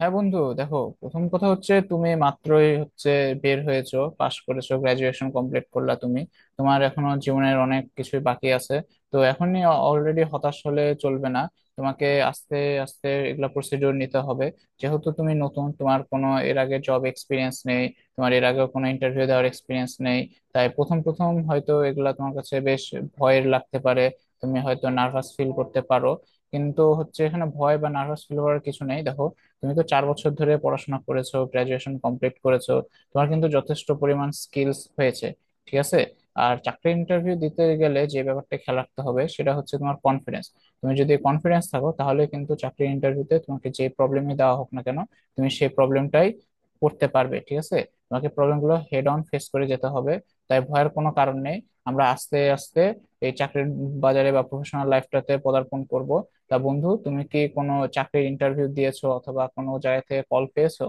হ্যাঁ বন্ধু, দেখো, প্রথম কথা হচ্ছে তুমি মাত্রই বের হয়েছো, পাশ করেছো, গ্রাজুয়েশন কমপ্লিট করলা তুমি। তোমার এখনো জীবনের অনেক কিছুই বাকি আছে। তো এখনই অলরেডি হতাশ হলে চলবে না। তোমাকে আস্তে আস্তে এগুলা প্রসিডিওর নিতে হবে। যেহেতু তুমি নতুন, তোমার কোনো এর আগে জব এক্সপিরিয়েন্স নেই, তোমার এর আগে কোনো ইন্টারভিউ দেওয়ার এক্সপিরিয়েন্স নেই, তাই প্রথম প্রথম হয়তো এগুলা তোমার কাছে বেশ ভয়ের লাগতে পারে। তুমি হয়তো নার্ভাস ফিল করতে পারো, কিন্তু হচ্ছে এখানে ভয় বা নার্ভাস ফিল হওয়ার কিছু নেই। দেখো, তুমি তো 4 বছর ধরে পড়াশোনা করেছো, গ্রাজুয়েশন কমপ্লিট করেছো, তোমার কিন্তু যথেষ্ট পরিমাণ স্কিলস হয়েছে, ঠিক আছে? আর চাকরি ইন্টারভিউ দিতে গেলে যে ব্যাপারটা খেয়াল রাখতে হবে সেটা হচ্ছে তোমার কনফিডেন্স। তুমি যদি কনফিডেন্স থাকো, তাহলে কিন্তু চাকরি ইন্টারভিউতে তোমাকে যে প্রবলেমই দেওয়া হোক না কেন, তুমি সেই প্রবলেমটাই করতে পারবে, ঠিক আছে? তোমাকে প্রবলেমগুলো হেড অন ফেস করে যেতে হবে। তাই ভয়ের কোনো কারণ নেই। আমরা আস্তে আস্তে এই চাকরির বাজারে বা প্রফেশনাল লাইফটাতে পদার্পণ করব। তা বন্ধু, তুমি কি কোনো চাকরির ইন্টারভিউ দিয়েছো অথবা কোনো জায়গা থেকে কল পেয়েছো?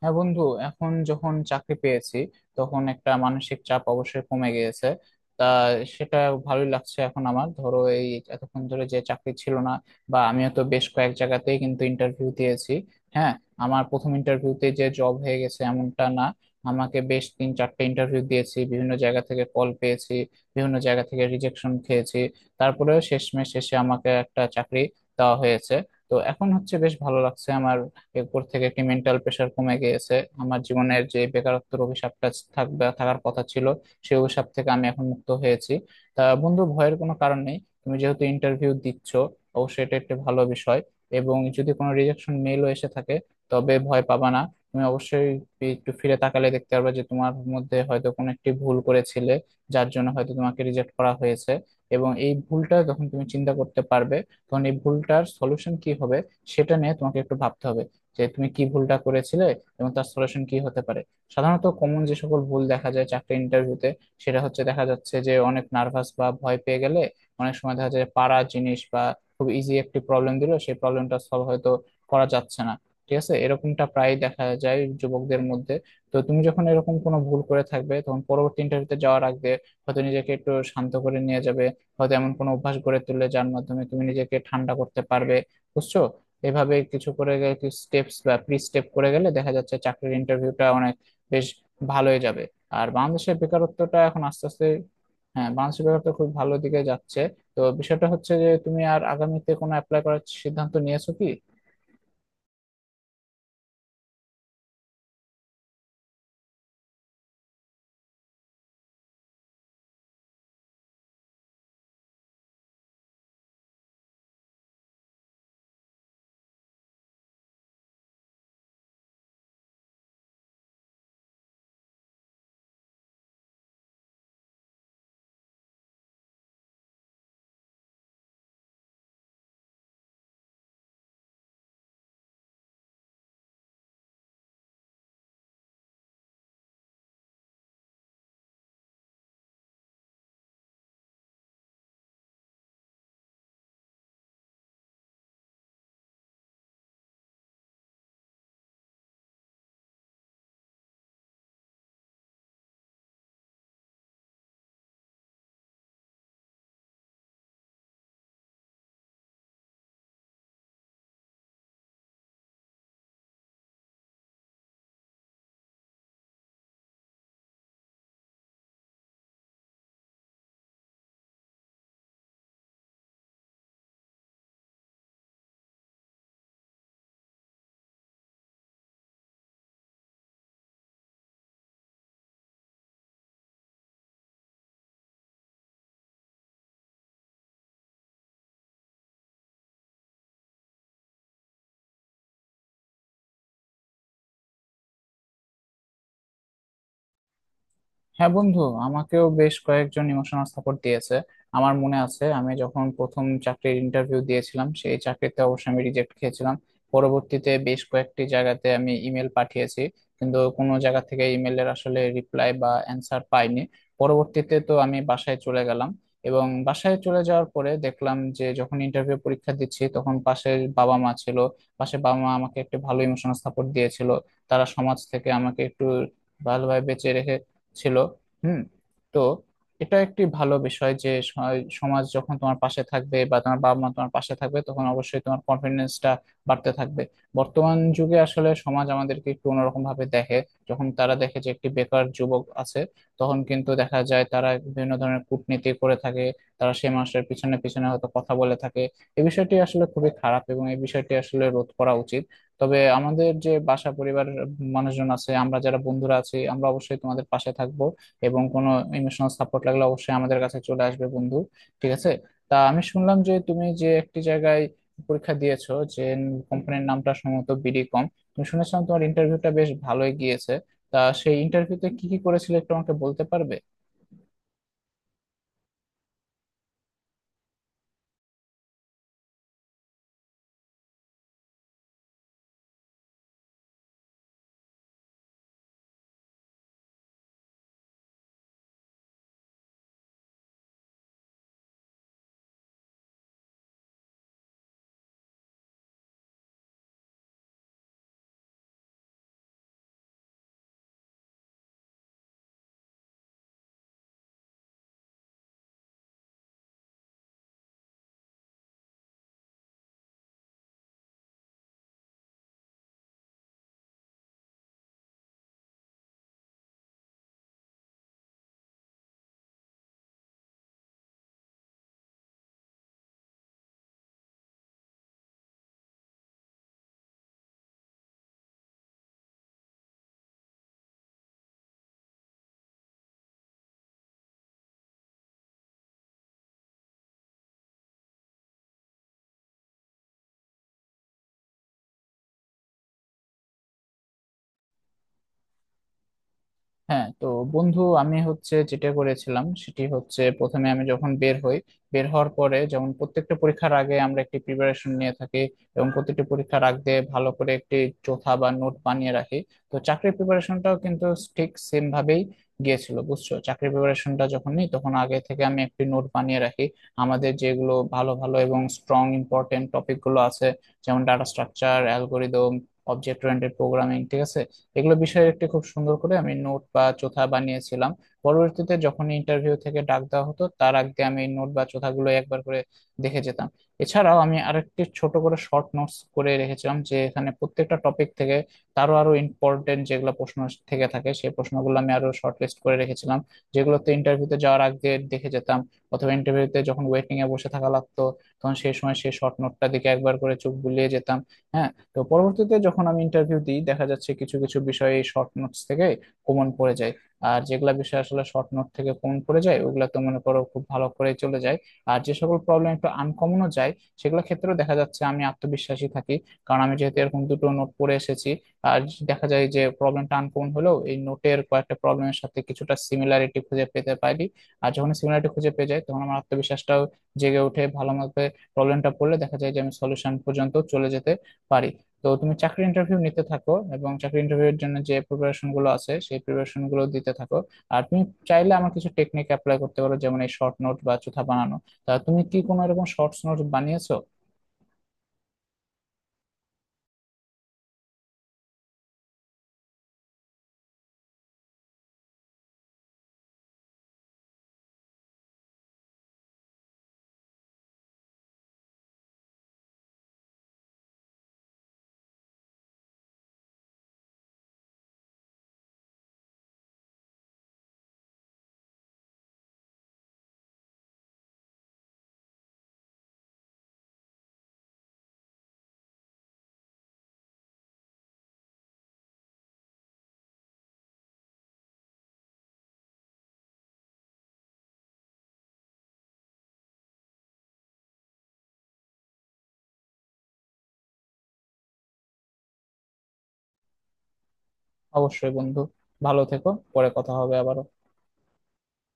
হ্যাঁ বন্ধু, এখন যখন চাকরি পেয়েছি তখন একটা মানসিক চাপ অবশ্যই কমে গিয়েছে। তা সেটা ভালোই লাগছে এখন আমার। ধরো এই এতক্ষণ ধরে যে চাকরি ছিল না, বা আমিও তো বেশ কয়েক জায়গাতেই কিন্তু ইন্টারভিউ দিয়েছি। হ্যাঁ, আমার প্রথম ইন্টারভিউতে যে জব হয়ে গেছে এমনটা না। আমাকে বেশ তিন চারটে ইন্টারভিউ দিয়েছি, বিভিন্ন জায়গা থেকে কল পেয়েছি, বিভিন্ন জায়গা থেকে রিজেকশন খেয়েছি। তারপরেও শেষমেশ শেষে আমাকে একটা চাকরি দেওয়া হয়েছে। তো এখন হচ্ছে বেশ ভালো লাগছে আমার। এরপর থেকে একটি মেন্টাল প্রেশার কমে গিয়েছে। আমার জীবনের যে বেকারত্বের অভিশাপটা থাকবে, থাকার কথা ছিল, সেই অভিশাপ থেকে আমি এখন মুক্ত হয়েছি। তা বন্ধু, ভয়ের কোনো কারণ নেই। তুমি যেহেতু ইন্টারভিউ দিচ্ছ, অবশ্যই এটা একটা ভালো বিষয়। এবং যদি কোনো রিজেকশন মেলও এসে থাকে, তবে ভয় পাবা না। তুমি অবশ্যই একটু ফিরে তাকালে দেখতে পারবে যে তোমার মধ্যে হয়তো কোনো একটি ভুল করেছিলে, যার জন্য হয়তো তোমাকে রিজেক্ট করা হয়েছে। এবং এই ভুলটা যখন তুমি চিন্তা করতে পারবে, তখন এই ভুলটার সলিউশন কি হবে সেটা নিয়ে তোমাকে একটু ভাবতে হবে। যে তুমি কি ভুলটা করেছিলে এবং তার সলিউশন কি হতে পারে। সাধারণত কমন যে সকল ভুল দেখা যায় চাকরি ইন্টারভিউতে সেটা হচ্ছে, দেখা যাচ্ছে যে অনেক নার্ভাস বা ভয় পেয়ে গেলে অনেক সময় দেখা যায় পাড়া জিনিস বা খুব ইজি একটি প্রবলেম দিল, সেই প্রবলেমটা সলভ হয়তো করা যাচ্ছে না। ঠিক আছে, এরকমটা প্রায় দেখা যায় যুবকদের মধ্যে। তো তুমি যখন এরকম কোনো ভুল করে থাকবে, তখন পরবর্তী ইন্টারভিউতে যাওয়ার আগে হয়তো নিজেকে একটু শান্ত করে নিয়ে যাবে। হয়তো এমন কোনো অভ্যাস গড়ে তুললে যার মাধ্যমে তুমি নিজেকে ঠান্ডা করতে পারবে, বুঝছো? এভাবে কিছু করে গেলে, কিছু স্টেপস বা প্রি স্টেপ করে গেলে দেখা যাচ্ছে চাকরির ইন্টারভিউটা অনেক বেশ ভালোই যাবে। আর বাংলাদেশের বেকারত্বটা এখন আস্তে আস্তে, হ্যাঁ, বাংলাদেশের বেকারত্ব খুব ভালো দিকে যাচ্ছে। তো বিষয়টা হচ্ছে যে, তুমি আর আগামীতে কোনো অ্যাপ্লাই করার সিদ্ধান্ত নিয়েছো কি? হ্যাঁ বন্ধু, আমাকেও বেশ কয়েকজন ইমোশনাল সাপোর্ট দিয়েছে। আমার মনে আছে, আমি যখন প্রথম চাকরির ইন্টারভিউ দিয়েছিলাম, সেই চাকরিতে অবশ্যই আমি রিজেক্ট খেয়েছিলাম। পরবর্তীতে বেশ কয়েকটি জায়গাতে আমি ইমেল পাঠিয়েছি, কিন্তু কোনো জায়গা থেকে ইমেলের আসলে রিপ্লাই বা অ্যান্সার পাইনি। পরবর্তীতে তো আমি বাসায় চলে গেলাম, এবং বাসায় চলে যাওয়ার পরে দেখলাম যে যখন ইন্টারভিউ পরীক্ষা দিচ্ছি তখন পাশের বাবা মা ছিল। পাশে বাবা মা আমাকে একটু ভালো ইমোশনাল সাপোর্ট দিয়েছিল। তারা সমাজ থেকে আমাকে একটু ভালোভাবে বেঁচে রেখে ছিল হুম। তো এটা একটি ভালো বিষয় যে সমাজ যখন তোমার পাশে থাকবে বা তোমার বাবা মা তোমার পাশে থাকবে, তখন অবশ্যই তোমার কনফিডেন্সটা বাড়তে থাকবে। বর্তমান যুগে আসলে সমাজ আমাদেরকে একটু অন্যরকম ভাবে দেখে। যখন তারা দেখে যে একটি বেকার যুবক আছে, তখন কিন্তু দেখা যায় তারা বিভিন্ন ধরনের কূটনীতি করে থাকে। তারা সেই মানুষের পিছনে পিছনে হয়তো কথা বলে থাকে। এই বিষয়টি আসলে খুবই খারাপ, এবং এই বিষয়টি আসলে রোধ করা উচিত। তবে আমাদের যে বাসা পরিবারের মানুষজন আছে, আমরা যারা বন্ধুরা আছি, আমরা অবশ্যই তোমাদের পাশে থাকবো। এবং কোনো ইমোশনাল সাপোর্ট লাগলে অবশ্যই আমাদের কাছে চলে আসবে বন্ধু, ঠিক আছে? তা আমি শুনলাম যে তুমি যে একটি জায়গায় পরীক্ষা দিয়েছো, যে কোম্পানির নামটা সম্ভবত BD.com, তুমি শুনেছিলাম তোমার ইন্টারভিউটা বেশ ভালোই গিয়েছে। তা সেই ইন্টারভিউতে কি কি করেছিলে একটু আমাকে বলতে পারবে? হ্যাঁ তো বন্ধু, আমি হচ্ছে যেটা করেছিলাম সেটি হচ্ছে, প্রথমে আমি যখন বের হই, বের হওয়ার পরে যেমন প্রত্যেকটা পরীক্ষার আগে আমরা একটি প্রিপারেশন নিয়ে থাকি, এবং প্রত্যেকটা পরীক্ষার আগে ভালো করে একটি চোথা বা নোট বানিয়ে রাখি, তো চাকরির প্রিপারেশনটাও কিন্তু ঠিক সেম ভাবেই গিয়েছিল, বুঝছো? চাকরির প্রিপারেশনটা যখন নিই, তখন আগে থেকে আমি একটি নোট বানিয়ে রাখি। আমাদের যেগুলো ভালো ভালো এবং স্ট্রং ইম্পর্টেন্ট টপিকগুলো আছে, যেমন data structure, algorithm, object oriented programming, ঠিক আছে, এগুলো বিষয়ে একটি খুব সুন্দর করে আমি নোট বা চোথা বানিয়েছিলাম। পরবর্তীতে যখন ইন্টারভিউ থেকে ডাক দেওয়া হতো, তার আগে আমি এই নোট বা চোথাগুলো একবার করে দেখে যেতাম। এছাড়াও আমি আরেকটি ছোট করে শর্ট নোটস করে রেখেছিলাম, যে এখানে প্রত্যেকটা টপিক থেকে তারও আরো ইম্পর্টেন্ট যেগুলো প্রশ্ন থেকে থাকে, সেই প্রশ্নগুলো আমি আরো শর্ট লিস্ট করে রেখেছিলাম, যেগুলোতে ইন্টারভিউতে যাওয়ার আগে দেখে যেতাম। অথবা ইন্টারভিউতে যখন ওয়েটিং এ বসে থাকা লাগতো, তখন সেই সময় সেই শর্ট নোটটা দিকে একবার করে চোখ বুলিয়ে যেতাম। হ্যাঁ। তো পরবর্তীতে যখন আমি ইন্টারভিউ দিই, দেখা যাচ্ছে কিছু কিছু বিষয়ে শর্ট নোটস থেকে কমন পড়ে যায়। আর যেগুলা বিষয় আসলে শর্ট নোট থেকে কমন পড়ে যায়, ওগুলা তো মনে করো খুব ভালো করে চলে যায়। আর যে সকল প্রবলেম একটু আনকমনও যায়, সেগুলো ক্ষেত্রেও দেখা যাচ্ছে আমি আত্মবিশ্বাসী থাকি। কারণ আমি যেহেতু এরকম দুটো নোট পড়ে এসেছি, আর দেখা যায় যে প্রবলেমটা আনকমন হলেও এই নোটের কয়েকটা প্রবলেমের সাথে কিছুটা সিমিলারিটি খুঁজে পেতে পারি। আর যখন সিমিলারিটি খুঁজে পেয়ে যাই, তখন আমার আত্মবিশ্বাসটাও জেগে উঠে ভালো মতো। প্রবলেমটা পড়লে দেখা যায় যে আমি সলিউশন পর্যন্ত চলে যেতে পারি। তো তুমি চাকরি ইন্টারভিউ নিতে থাকো, এবং চাকরি ইন্টারভিউ এর জন্য যে প্রিপারেশন গুলো আছে সেই প্রিপারেশন গুলো দিতে থাকো। আর তুমি চাইলে আমার কিছু টেকনিক অ্যাপ্লাই করতে পারো, যেমন এই শর্ট নোট বা চোথা বানানো। তা তুমি কি কোনো এরকম শর্টস নোট বানিয়েছো? অবশ্যই বন্ধু, ভালো থেকো। পরে কথা হবে আবার।